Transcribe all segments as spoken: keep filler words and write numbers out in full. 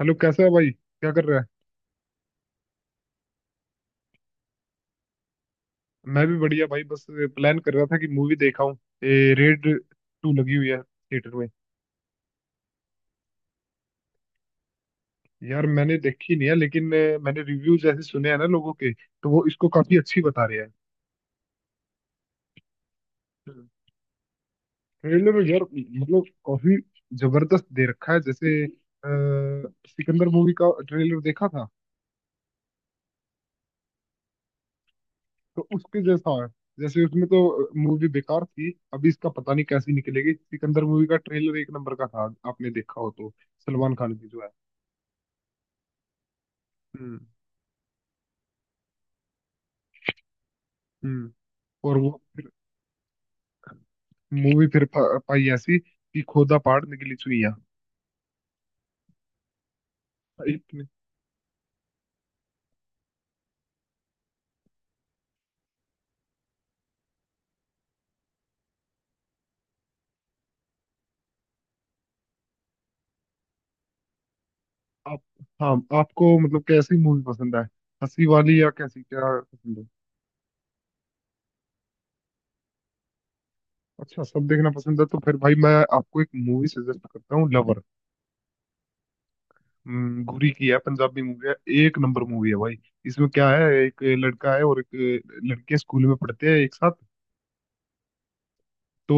Hello कैसा है भाई, क्या कर रहा है। मैं भी बढ़िया भाई, बस प्लान कर रहा था कि मूवी देखा हूँ। ये रेड टू लगी हुई है थिएटर में। यार मैंने देखी नहीं है लेकिन अ, मैंने रिव्यूज ऐसे सुने हैं ना लोगों के, तो वो इसको काफी अच्छी बता रहे हैं। ट्रेलर यार मतलब काफी जबरदस्त दे रखा है, जैसे अ, सिकंदर मूवी का ट्रेलर देखा था, तो उसके जैसा है। जैसे उसमें तो मूवी बेकार थी, अभी इसका पता नहीं कैसी निकलेगी। सिकंदर मूवी का ट्रेलर एक नंबर का था, आपने देखा हो तो। सलमान खान की जो है। हम्म। और वो फिर मूवी फिर पा- पाई ऐसी कि खोदा पहाड़ निकली चुइयां। इतने आप। हाँ। आपको मतलब कैसी मूवी पसंद है, हंसी वाली या कैसी क्या पसंद है। अच्छा सब देखना पसंद है, तो फिर भाई मैं आपको एक मूवी सजेस्ट करता हूँ, लवर। हम्म, घुरी की है, पंजाबी मूवी है। एक नंबर मूवी है भाई। इसमें क्या है, एक लड़का है और एक लड़की है, स्कूल में पढ़ते हैं एक साथ। तो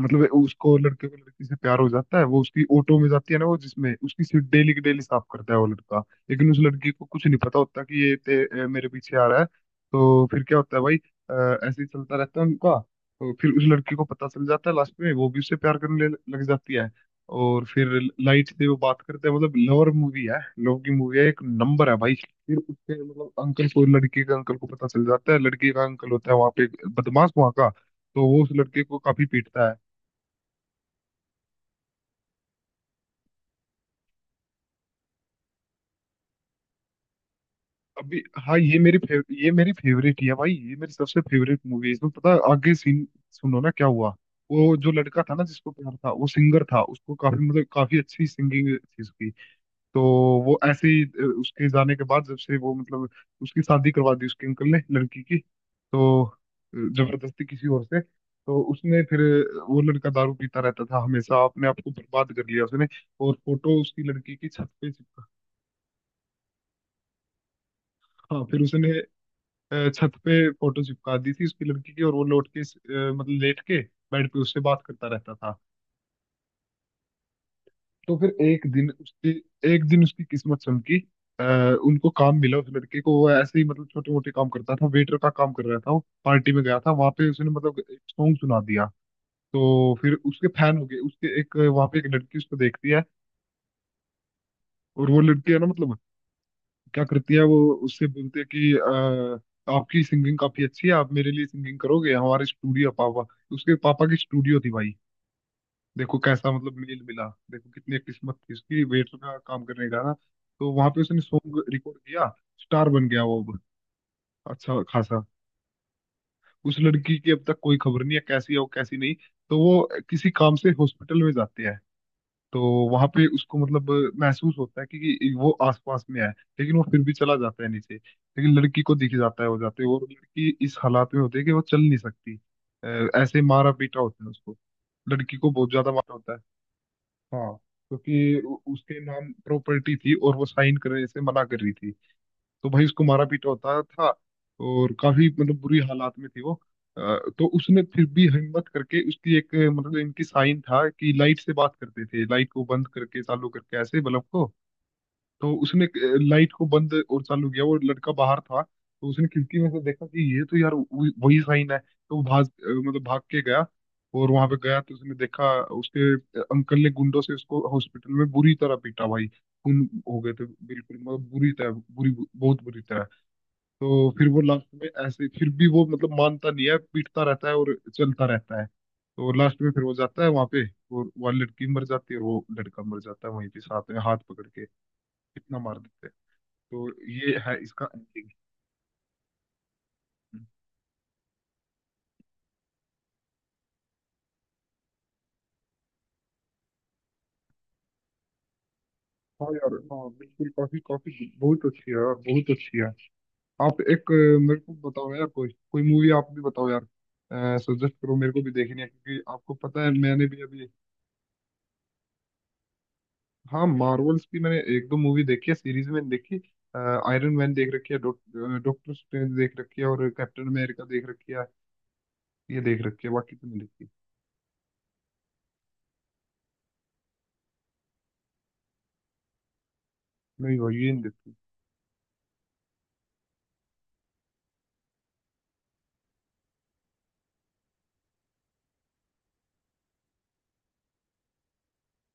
मतलब उसको, लड़के को लड़की से प्यार हो जाता है। वो उसकी ऑटो में जाती है ना, वो जिसमें उसकी सीट डेली की डेली साफ करता है वो लड़का। लेकिन उस लड़की को कुछ नहीं पता होता कि ये ते, ए, मेरे पीछे आ रहा है। तो फिर क्या होता है भाई, अ, ऐसे ही चलता रहता है उनका। तो फिर उस लड़की को पता चल जाता है लास्ट में, वो भी उससे प्यार करने ल- लग जाती है। और फिर लाइट से वो बात करते हैं, मतलब लवर मूवी है, लव की मूवी है, एक नंबर है भाई। फिर उसके मतलब अंकल को, लड़की के अंकल को पता चल जाता है। लड़की का अंकल होता है वहां पे बदमाश वहां का, तो वो उस लड़के को काफी पीटता है। अभी हाँ, ये मेरी फेव, ये मेरी फेवरेट ही है भाई, ये मेरी सबसे फेवरेट मूवी है। इसमें पता है आगे सीन, सुनो ना क्या हुआ। वो जो लड़का था ना जिसको प्यार था, वो सिंगर था, उसको काफी मतलब काफी अच्छी सिंगिंग थी उसकी। तो वो ऐसे ही अ, उसके जाने के बाद, जब से वो मतलब उसकी शादी करवा दी उसके अंकल ने लड़की की, तो अ, जबरदस्ती किसी और से, तो उसने फिर अ, वो लड़का दारू पीता रहता था हमेशा, अपने आप को बर्बाद कर लिया उसने। और फोटो उसकी लड़की की छत पे चिपका। हाँ फिर उसने अ, छत पे फोटो चिपका दी थी उसकी लड़की की, और वो लौट के अ, मतलब लेट के बेड पे उससे बात करता रहता था। तो फिर एक दिन उसकी, एक दिन उसकी किस्मत चमकी। अ, उनको काम मिला, उस लड़के को। वो ऐसे ही मतलब छोटे मोटे काम करता था, वेटर का काम कर रहा था, वो पार्टी में गया था वहां पे, उसने मतलब एक सॉन्ग सुना दिया। तो फिर उसके फैन हो गए, उसके एक, वहां पे एक लड़की उसको देखती है। और वो लड़की है ना मतलब, क्या करती है वो, उससे बोलते हैं कि अ, आपकी सिंगिंग काफी अच्छी है, आप मेरे लिए सिंगिंग करोगे हमारे स्टूडियो, पापा, उसके पापा की स्टूडियो थी भाई। देखो कैसा मतलब मेल मिला, देखो कितनी किस्मत थी उसकी, वेटर का काम करने का ना। तो वहां पे उसने सॉन्ग रिकॉर्ड किया, स्टार बन गया वो अब, अच्छा खासा। उस लड़की की अब तक कोई खबर नहीं है, कैसी है वो कैसी नहीं। तो वो किसी काम से हॉस्पिटल में जाते हैं, तो वहां पे उसको मतलब महसूस होता है कि, कि वो आसपास में है। लेकिन वो फिर भी चला जाता है नीचे, लेकिन लड़की को दिख जाता है वो जाते हुए, और लड़की इस हालात में होती है कि वो चल नहीं सकती। अ, ऐसे मारा पीटा होता है उसको, लड़की को बहुत ज्यादा मारा होता है। हाँ, क्योंकि उ- उसके नाम प्रॉपर्टी थी और वो साइन करने से मना कर रही थी। तो भाई उसको मारा पीटा होता था, और काफी मतलब बुरी हालात में थी वो। अ, तो उसने फिर भी हिम्मत करके, उसकी एक अ, मतलब इनकी साइन था कि लाइट से बात करते थे, लाइट को बंद करके चालू करके ऐसे, बल्ब को। तो उसने लाइट को बंद और चालू किया, वो लड़का बाहर था, तो उसने खिड़की में से देखा कि ये तो यार वही वही साइन है, तो वो भाग अ, मतलब भाग के गया। और वहां पे गया तो उसने देखा उसके अ, अंकल ने गुंडों से उसको हॉस्पिटल में बुरी तरह पीटा भाई। खून हो गए थे बिल्कुल, मतलब बुरी तरह बुरी बहुत बुरी तरह। तो फिर वो लास्ट में ऐसे, फिर भी वो मतलब मानता नहीं है, पीटता रहता है और चलता रहता है। तो लास्ट में फिर वो जाता है वहां पे, और वह लड़की मर जाती है और वो लड़का मर जाता है वहीं पे, साथ में हाथ पकड़ के। इतना मार देते हैं। तो ये है इसका एंडिंग। हाँ यार, हाँ बिल्कुल, काफी काफी बहुत अच्छी है यार, बहुत अच्छी है। आप एक अ, मेरे को बताओ यार, कोई कोई मूवी आप भी बताओ यार, सजेस्ट करो, मेरे को भी देखनी है, क्योंकि आपको पता है मैंने भी अभी। हाँ, मार्वल्स की मैंने एक दो मूवी देखी है, सीरीज में देखी। आयरन मैन देख रखी है, डॉक, डॉक्टर स्ट्रेंज देख रखी है, और कैप्टन अमेरिका देख रखी है, ये देख रखी है, बाकी तो नहीं देखी। नहीं भाई, ये नहीं देखी।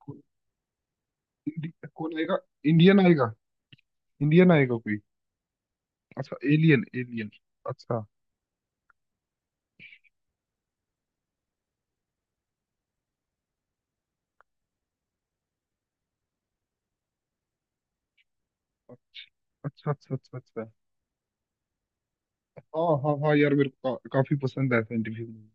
कौन। इंडि- कौन आएगा। इंडियन आएगा, इंडियन आएगा कोई। अच्छा, एलियन एलियन, अच्छा अच्छा। अच्छा अच्छा, अच्छा हाँ हाँ हाँ यार, मेरे को का, काफी पसंद है साइंटिफिक मूवी।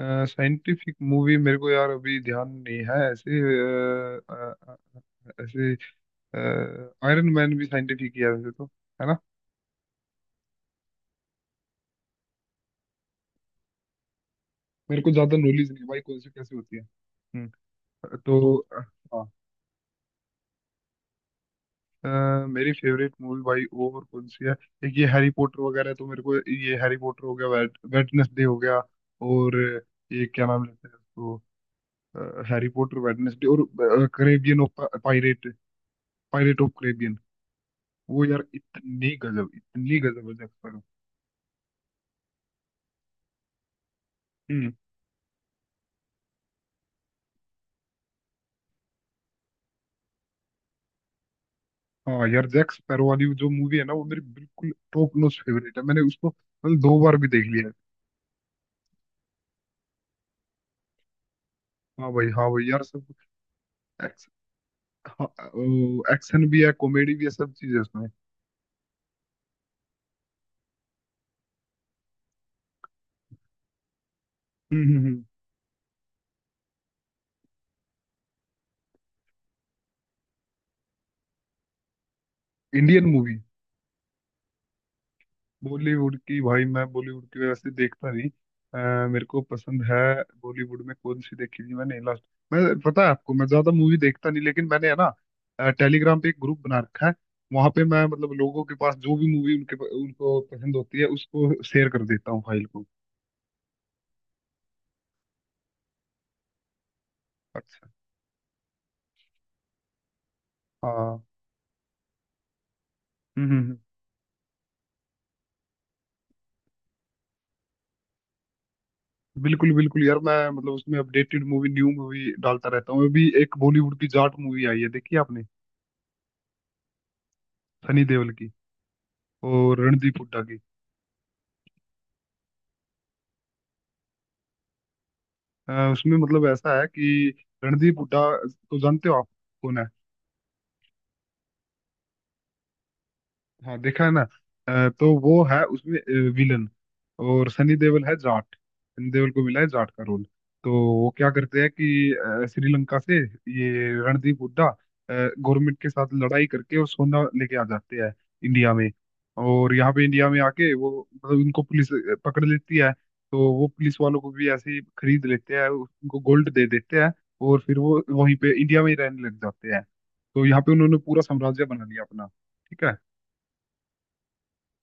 साइंटिफिक मूवी मेरे को यार अभी ध्यान नहीं है ऐसे, अ, अ, ऐसे आयरन मैन भी साइंटिफिक ही है वैसे तो, है ना। मेरे को ज्यादा नॉलेज नहीं है भाई, कौन सी कैसे होती है। हम्म। तो अ, हाँ, अ, मेरी फेवरेट मूवी भाई वो और कौन सी है, एक ये हैरी पॉटर वगैरह, तो मेरे को ये हैरी पॉटर हो गया, वेट, वेटनेसडे हो गया, और ये क्या नाम लेते हैं उसको, हैरी पॉटर, वेटनेसडे, और Caribbean of pirate, pirate of Caribbean. वो यार इतनी गजब, इतनी गजब है जैक स्पैरो। हम्म। हाँ यार, जैक स्पैरो वाली जो मूवी है ना, वो मेरी बिल्कुल टॉप नॉच फेवरेट है, मैंने उसको मतलब दो बार भी देख लिया है। हाँ भाई, हाँ भाई यार। सब हाँ, वो एक्शन भी है, कॉमेडी भी है, सब चीज है उसमें। हम्म। हम्म हम्म। Indian movie. बॉलीवुड की भाई, मैं बॉलीवुड की वैसे देखता नहीं। अ, मेरे को पसंद है बॉलीवुड में कौन सी देखी थी मैंने लास्ट। मैं पता है आपको मैं ज्यादा मूवी देखता नहीं, लेकिन मैंने है ना टेलीग्राम पे एक ग्रुप बना रखा है, वहां पे मैं मतलब लोगों के पास जो भी मूवी उनके, उनको पसंद होती है उसको शेयर कर देता हूँ, फाइल को। अच्छा। हाँ। हम्म हम्म। बिल्कुल बिल्कुल यार, मैं मतलब उसमें अपडेटेड मूवी न्यू मूवी डालता रहता हूँ। अभी एक बॉलीवुड की जाट मूवी आई है, देखी आपने, सनी देओल की और रणदीप हुड्डा की। अ, उसमें मतलब ऐसा है कि रणदीप हुड्डा तो जानते हो आप कौन है। हाँ देखा है ना। अ, तो वो है उसमें विलन, और सनी देओल है जाट, सनी देओल को मिला है जाट का रोल। तो वो क्या करते हैं कि अ, श्रीलंका से ये रणदीप हुड्डा गवर्नमेंट के साथ लड़ाई करके और सोना लेके आ जाते हैं इंडिया में। और यहाँ पे इंडिया में आके, वो मतलब उनको पुलिस अ, पकड़ लेती है, तो वो पुलिस वालों को भी ऐसे ही खरीद लेते हैं, उनको गोल्ड दे देते हैं। और फिर वो वहीं पे इंडिया में ही रहने लग जाते हैं। तो यहाँ पे उन्होंने पूरा साम्राज्य बना लिया अपना। ठीक है।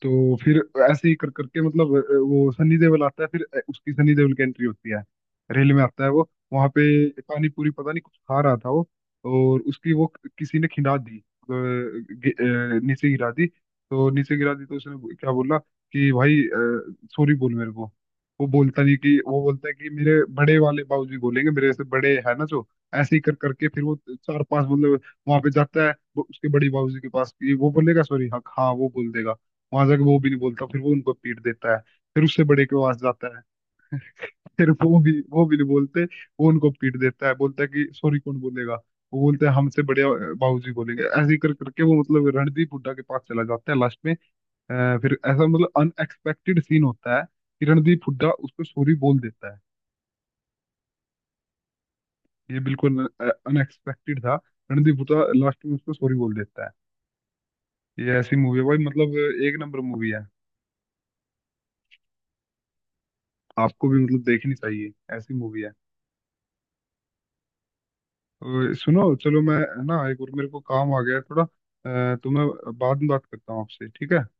तो फिर ऐसे ही कर करके मतलब अ, वो सनी देओल आता है, फिर अ, उसकी सनी देओल की एंट्री होती है। रेल में आता है वो वहां पे, पानी पूरी पता नहीं कुछ खा रहा था वो, और उसकी वो किसी ने खिंडा दी, अ, गि- अ, नीचे गिरा दी। तो नीचे गिरा दी, तो उसने बो- क्या बोला कि भाई, सॉरी बोल मेरे को। वो बोलता नहीं, कि वो बोलता है कि मेरे बड़े वाले बाबूजी बोलेंगे, मेरे से बड़े है ना जो। ऐसे ही कर करके फिर वो चार पांच मतलब वहां पे जाता है, वो उसके बड़ी बाबूजी के पास, कि वो बोलेगा सॉरी, हाँ हाँ वो बोल देगा। वहां जाके वो भी नहीं बोलता, फिर वो उनको पीट देता है। फिर उससे बड़े के पास जाता है। फिर वो भी वो भी नहीं बोलते, वो उनको पीट देता है, बोलता है कि सॉरी कौन बोलेगा। वो बोलते हैं हमसे बड़े बाबूजी बोलेंगे। ऐसे ही कर करके वो मतलब रणदीप हुड्डा के पास चला जाता है लास्ट में। अ, फिर ऐसा मतलब अनएक्सपेक्टेड सीन होता है कि रणदीप हुड्डा उसको सॉरी बोल देता है। ये बिल्कुल अनएक्सपेक्टेड था, रणदीप हुड्डा लास्ट में उसको सॉरी बोल देता है। ये ऐसी मूवी है भाई, मतलब एक नंबर मूवी है, आपको भी मतलब देखनी चाहिए, ऐसी मूवी है। और सुनो चलो मैं है ना, एक और मेरे को काम आ गया है थोड़ा, अ, तो मैं बाद में बात करता हूँ आपसे, ठीक है।